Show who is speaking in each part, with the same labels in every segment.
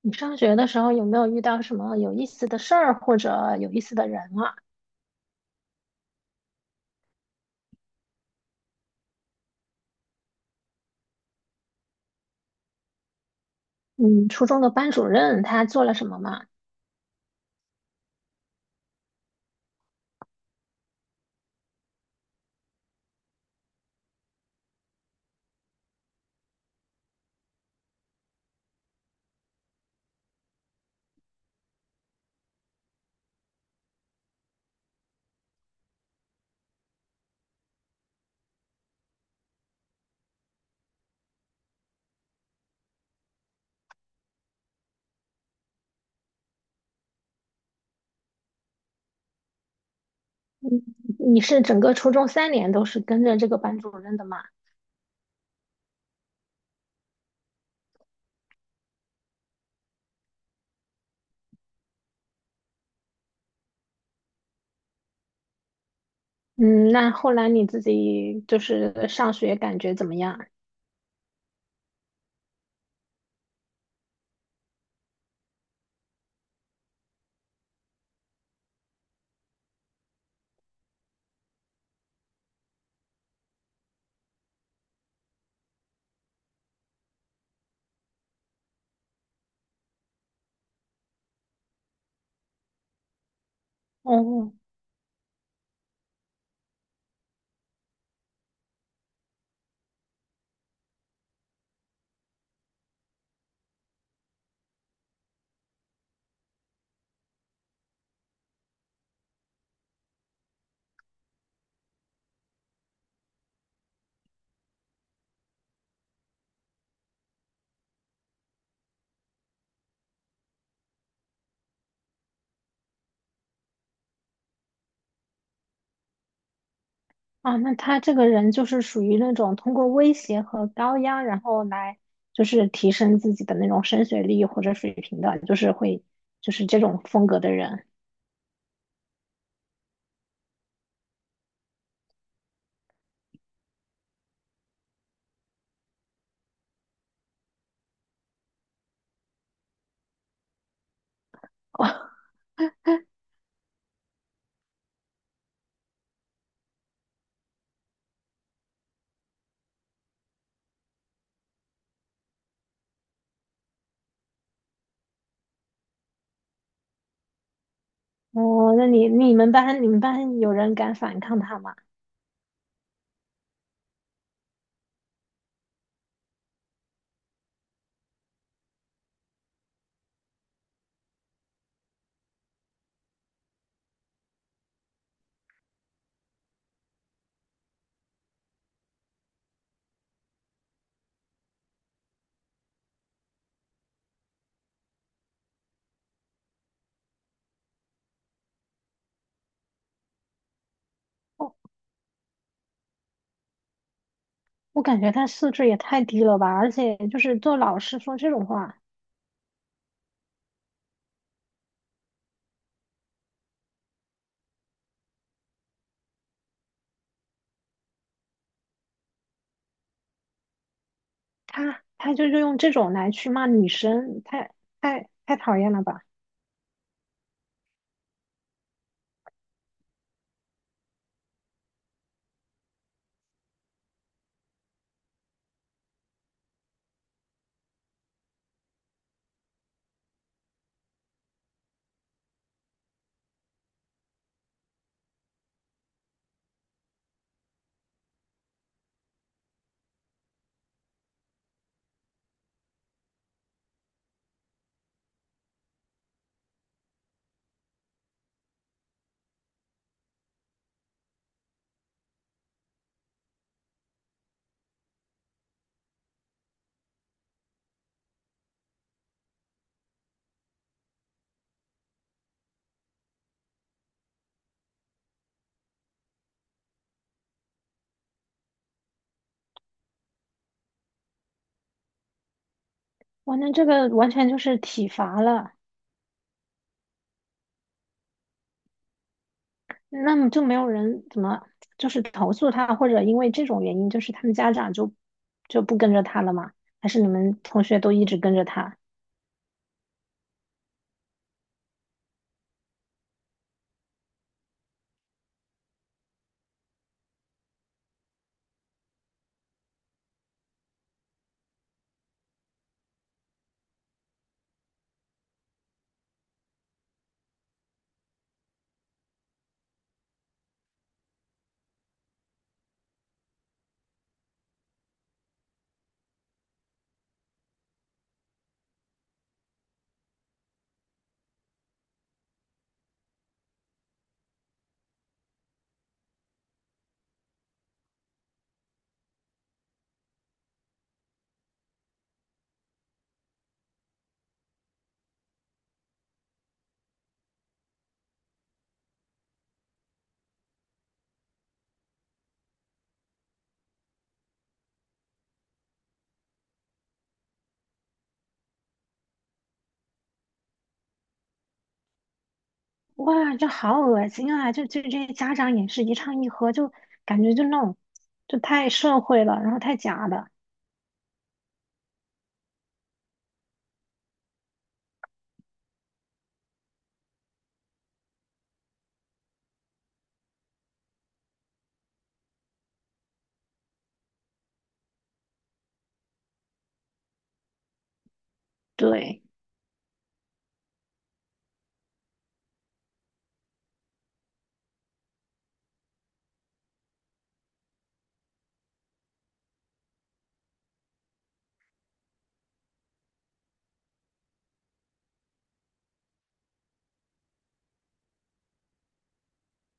Speaker 1: 你上学的时候有没有遇到什么有意思的事儿或者有意思的人啊？嗯，初中的班主任他做了什么吗？嗯，你是整个初中三年都是跟着这个班主任的吗？嗯，那后来你自己就是上学感觉怎么样？哦。啊，那他这个人就是属于那种通过威胁和高压，然后来就是提升自己的那种升学率或者水平的，就是会就是这种风格的人。哦，那你们班有人敢反抗他吗？我我感觉他素质也太低了吧，而且就是做老师说这种话，他就用这种来去骂女生，太讨厌了吧！哇，那这个完全就是体罚了。那么就没有人怎么就是投诉他，或者因为这种原因，就是他们家长就不跟着他了吗？还是你们同学都一直跟着他？哇，这好恶心啊！就这些家长也是一唱一和，就感觉就那种，就太社会了，然后太假了。对。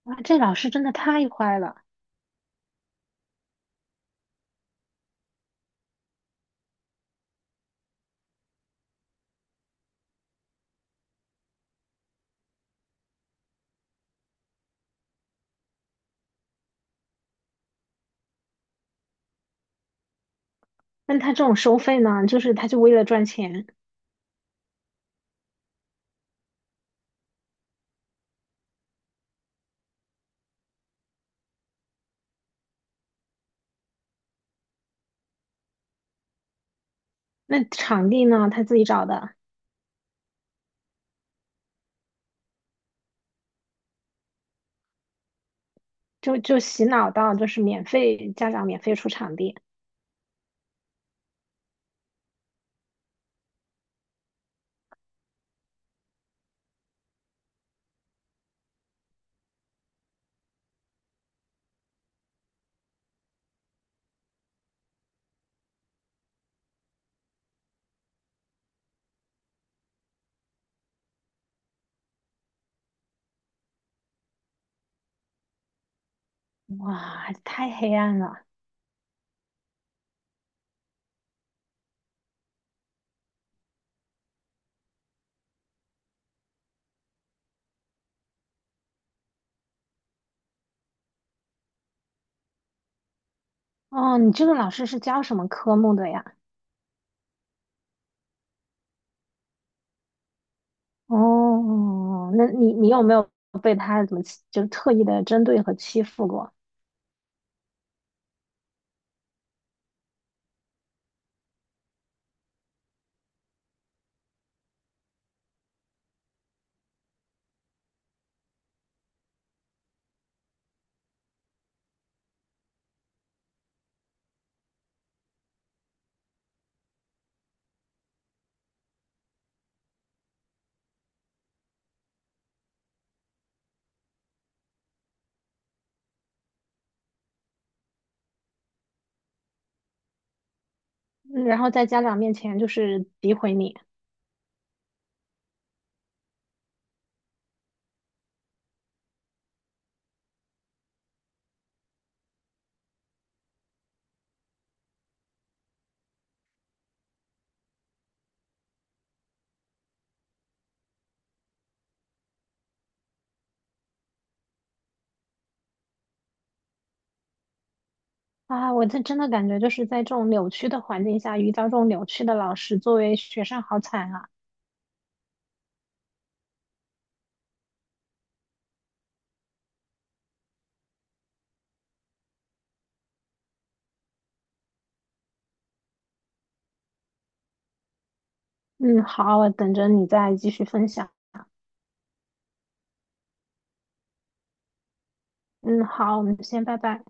Speaker 1: 啊，这老师真的太坏了。那他这种收费呢，就是他就为了赚钱。那场地呢，他自己找的。就洗脑到就是免费，家长免费出场地。哇，太黑暗了。哦，你这个老师是教什么科目的呀？哦，那你有没有被他怎么欺就特意的针对和欺负过？嗯，然后在家长面前就是诋毁你。啊！我这真的感觉就是在这种扭曲的环境下遇到这种扭曲的老师，作为学生好惨啊！嗯，好，我等着你再继续分享。嗯，好，我们先拜拜。